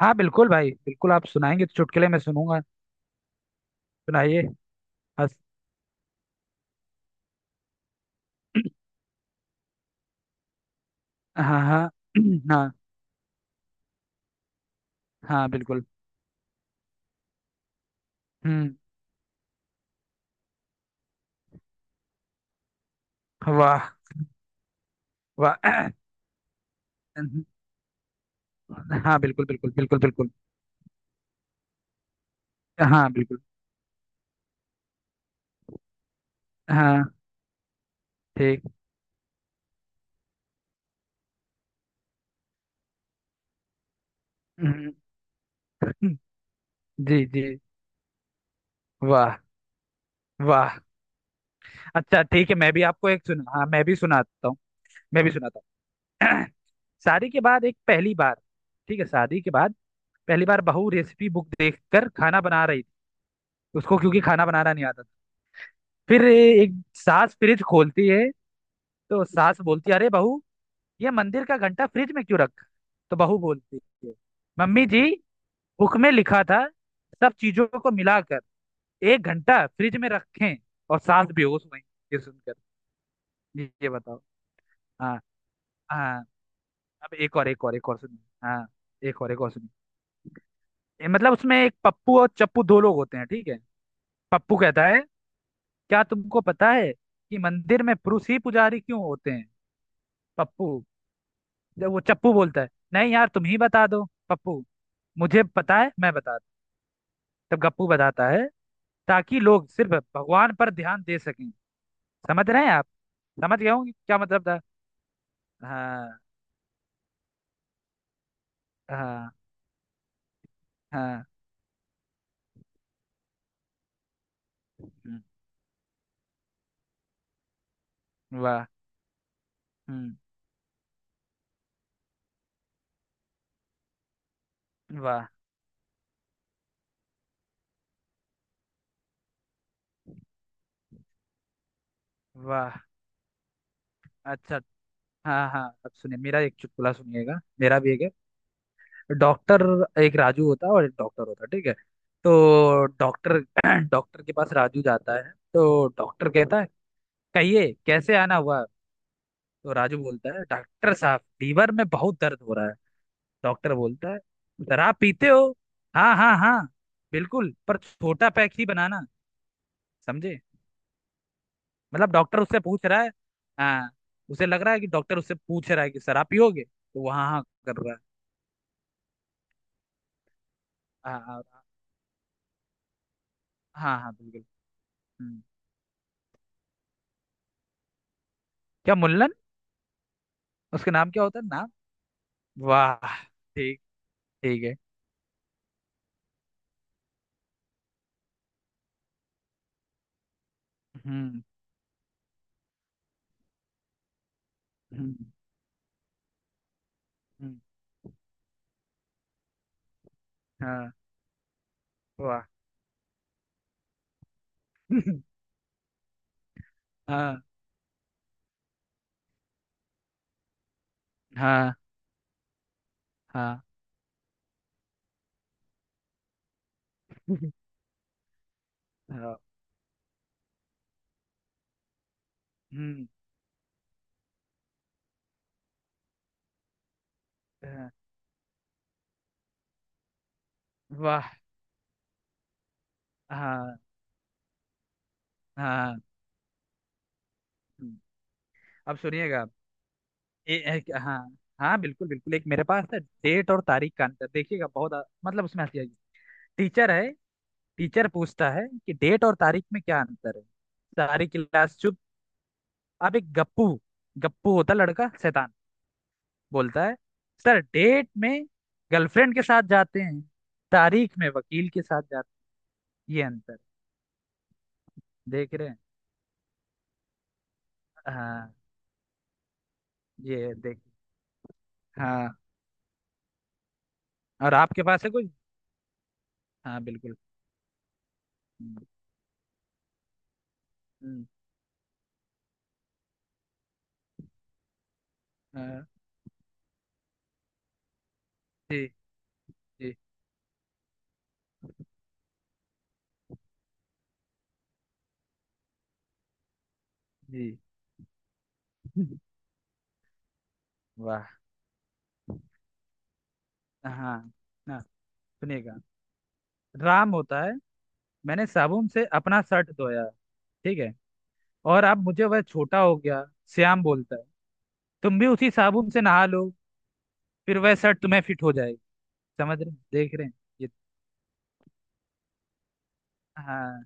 हाँ बिल्कुल भाई, बिल्कुल। आप सुनाएंगे तो चुटकुले में सुनूंगा। सुनाइए। हंस। हाँ हाँ। हाँ। हाँ बिल्कुल। हम्म। वाह। वाह। हाँ बिल्कुल बिल्कुल बिल्कुल बिल्कुल। हाँ बिल्कुल। हाँ। ठीक। हम्म। जी जी। वाह। वाह। अच्छा ठीक है, मैं भी आपको एक सुना, हाँ मैं भी सुनाता हूँ। मैं भी सुनाता हूँ शादी के बाद एक पहली बार, ठीक है शादी के बाद पहली बार बहू रेसिपी बुक देखकर खाना बना रही थी। उसको क्योंकि खाना बनाना नहीं आता था। फिर एक सास फ्रिज खोलती है तो सास बोलती है, अरे बहू, ये मंदिर का घंटा फ्रिज में क्यों रखा है? तो बहू बोलती है, मम्मी जी, बुक में लिखा था सब चीजों को मिलाकर एक घंटा फ्रिज में रखें। और सास बेहोश हुई ये सुनकर। ये बताओ। हाँ हाँ। अब एक और एक और एक और सुनिए। हाँ। एक और सुनिए। ये मतलब उसमें एक पप्पू और चप्पू दो लोग होते हैं, ठीक है। पप्पू कहता है, क्या तुमको पता है कि मंदिर में पुरुष ही पुजारी क्यों होते हैं? पप्पू, जब वो चप्पू बोलता है, नहीं यार तुम ही बता दो, पप्पू मुझे पता है मैं बता दूं। तब गप्पू बताता है, ताकि लोग सिर्फ भगवान पर ध्यान दे सकें। समझ रहे हैं आप? समझ गए होंगे क्या मतलब था। हाँ हाँ हाँ। हम्म। वाह। हम्म। वाह। वाह। अच्छा। हाँ हाँ, अब सुनिए मेरा एक चुटकुला, सुनिएगा, मेरा भी एक है। डॉक्टर, एक राजू होता है और एक डॉक्टर होता है, ठीक है। तो डॉक्टर डॉक्टर के पास राजू जाता है तो डॉक्टर कहता है, कहिए कैसे आना हुआ? तो राजू बोलता है, डॉक्टर साहब, लीवर में बहुत दर्द हो रहा है। डॉक्टर बोलता है, शराब पीते हो? हाँ हाँ हाँ, बिल्कुल पर छोटा पैक ही बनाना। समझे? मतलब डॉक्टर उससे पूछ रहा है। हाँ, उसे लग रहा है कि डॉक्टर उससे पूछ रहा है कि शराब पियोगे, तो वो हाँ हाँ कर रहा है। हाँ हाँ। हाँ हाँ, बिल्कुल। हम्म। क्या मुल्लन? उसके नाम क्या होता है, नाम? वाह। ठीक। ठीक है। हम्म। हम्म। हम्म। हाँ। वाह। हाँ। हाँ हाँ। हाँ। हम्म। हाँ। वाह। हाँ हाँ। हम्म। अब सुनिएगा। हाँ, हाँ बिल्कुल बिल्कुल, एक मेरे पास है, डेट और तारीख का अंतर, देखिएगा बहुत मतलब उसमें हंसी आएगी। टीचर है, टीचर पूछता है कि डेट और तारीख में क्या अंतर है? सारी क्लास चुप। अब एक गप्पू, गप्पू होता लड़का शैतान, बोलता है, सर डेट में गर्लफ्रेंड के साथ जाते हैं, तारीख में वकील के साथ जाते हैं। ये अंतर। देख रहे हैं। हाँ। ये देख। हाँ। और आपके पास है कुछ? हाँ बिल्कुल। हम्म। हाँ। जी। जी। जी। वाह। हाँ। ना। सुनिएगा, राम होता है, मैंने साबुन से अपना शर्ट धोया, ठीक है, और अब मुझे वह छोटा हो गया। श्याम बोलता है, तुम भी उसी साबुन से नहा लो फिर वह शर्ट तुम्हें फिट हो जाएगी। समझ रहे हैं? देख रहे हैं? ये। हाँ।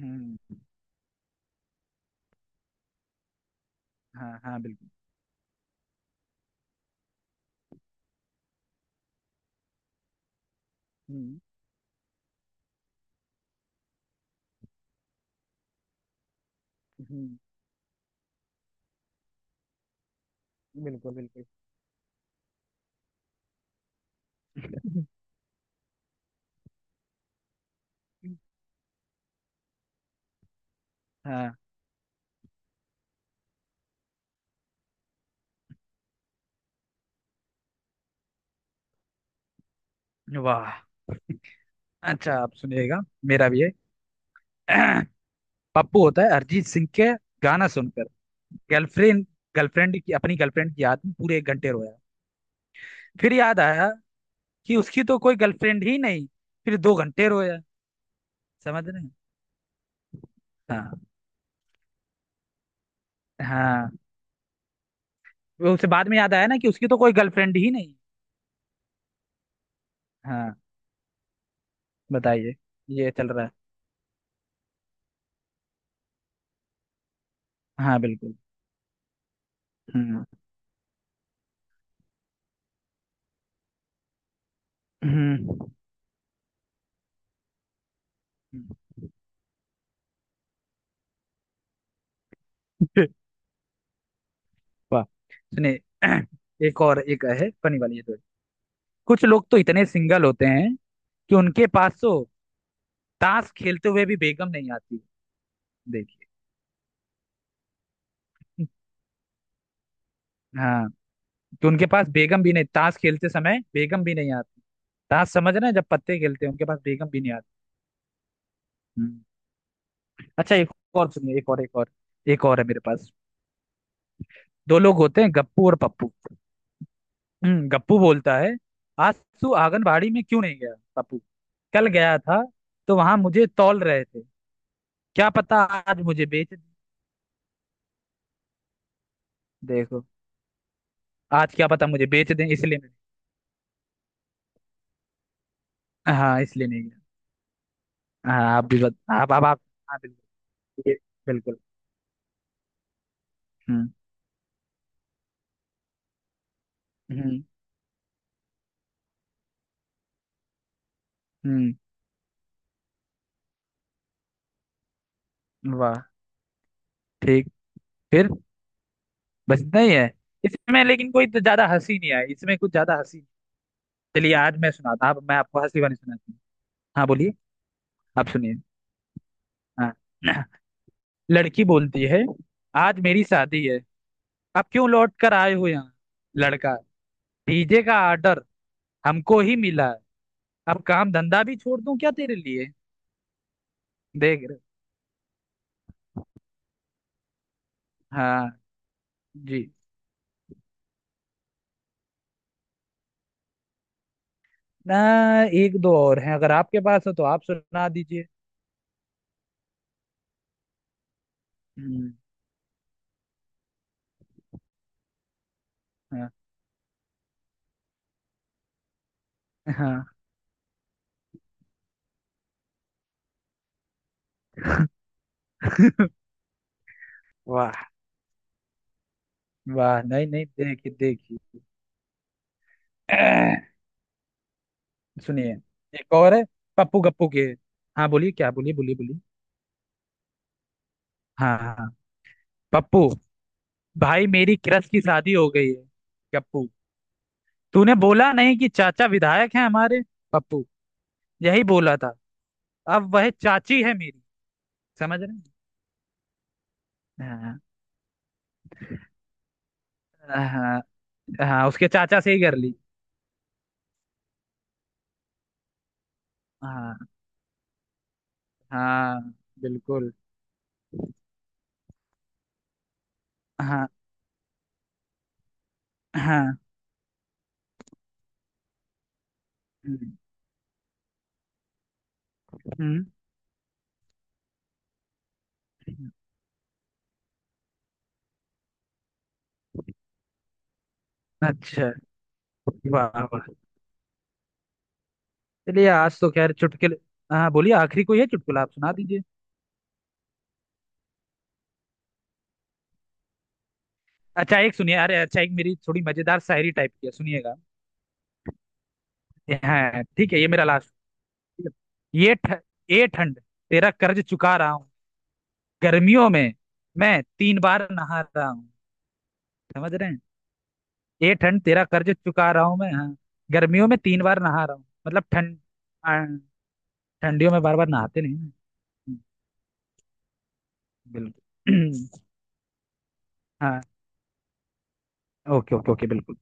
हम्म। हाँ हाँ बिल्कुल। हम्म। हम्म, बिल्कुल बिल्कुल। हाँ। वाह। अच्छा आप सुनिएगा, मेरा भी है। पप्पू होता है, अरिजीत सिंह के गाना सुनकर गर्लफ्रेंड, गर्लफ्रेंड की, अपनी गर्लफ्रेंड की याद में पूरे एक घंटे रोया। फिर याद आया कि उसकी तो कोई गर्लफ्रेंड ही नहीं। फिर दो घंटे रोया। समझ रहे हैं? हाँ। हाँ, वो उसे बाद में याद आया ना, कि उसकी तो कोई गर्लफ्रेंड ही नहीं। हाँ। बताइए, ये चल रहा है। हाँ बिल्कुल। हम्म। हम्म। हम्म। वाह। सुनिए, एक और एक है, फनी वाली है तो, कुछ लोग तो इतने सिंगल होते हैं कि उनके पास तो ताश खेलते हुए भी बेगम नहीं आती। हाँ, तो उनके पास बेगम भी नहीं, ताश खेलते समय बेगम भी नहीं आती। ताश, समझ रहे हैं, जब पत्ते खेलते हैं, उनके पास बेगम भी नहीं आती। हम्म। अच्छा एक और सुनिए, एक और एक और, एक और है मेरे पास। दो लोग होते हैं, गप्पू और पप्पू। गप्पू बोलता है, आज तू आंगनबाड़ी में क्यों नहीं गया? पप्पू, कल गया था तो वहां मुझे तौल रहे थे, क्या पता आज मुझे बेच दें। देखो, आज क्या पता मुझे बेच दें, इसलिए नहीं। हाँ, इसलिए नहीं गया। हाँ आप भी आप आप। हाँ बिल्कुल। ये- बिल्कुल। हम्म। हम्म। हम्म। वाह। ठीक। फिर? बस इतना ही है? इसमें लेकिन कोई तो ज्यादा हंसी नहीं आई, इसमें कुछ ज्यादा हंसी। चलिए आज मैं सुनाता हूँ, मैं आपको हंसी वाली सुनाती हूँ। हाँ बोलिए। आप सुनिए। हाँ। लड़की बोलती है, आज मेरी शादी है, अब क्यों लौट कर आए हो यहाँ? लड़का, डीजे का ऑर्डर हमको ही मिला है, अब काम धंधा भी छोड़ दूं क्या तेरे लिए? देख रहे। हाँ। जी। ना, एक दो और हैं, अगर आपके पास हो तो आप सुना दीजिए। हम्म। हाँ हाँ। वाह। वाह नहीं नहीं, देखिए देखिए। सुनिए, एक और है, पप्पू गप्पू के। हाँ बोलिए, क्या बोलिए, बोलिए बोलिए। हाँ हाँ हाँ। पप्पू, भाई मेरी क्रश की शादी हो गई है। गप्पू, तूने बोला नहीं कि चाचा विधायक हैं हमारे? पप्पू, यही बोला था, अब वह चाची है मेरी। समझ रहे हैं? हाँ। हाँ, हाँ उसके चाचा से ही कर ली। हाँ। हाँ बिल्कुल। हाँ। हाँ। हम्म। हम्म। हम्म। अच्छा। वाह। चलिए आज तो खैर चुटकुले। हाँ बोलिए, आखिरी कोई है चुटकुला, आप सुना दीजिए। अच्छा एक सुनिए, अरे अच्छा, एक मेरी थोड़ी मजेदार शायरी टाइप की है, सुनिएगा। हाँ ठीक है, ये मेरा लास्ट। ठीक है। ये ठंड, तेरा कर्ज चुका रहा हूँ, गर्मियों में मैं तीन बार नहा रहा हूँ। समझ रहे हैं? ये ठंड तेरा कर्ज चुका रहा हूँ मैं, हाँ, गर्मियों में तीन बार नहा रहा हूँ, मतलब ठंड। हाँ, ठंडियों में बार बार नहाते नहीं ना। हम्म, बिल्कुल। हाँ। ओके ओके ओके, बिल्कुल।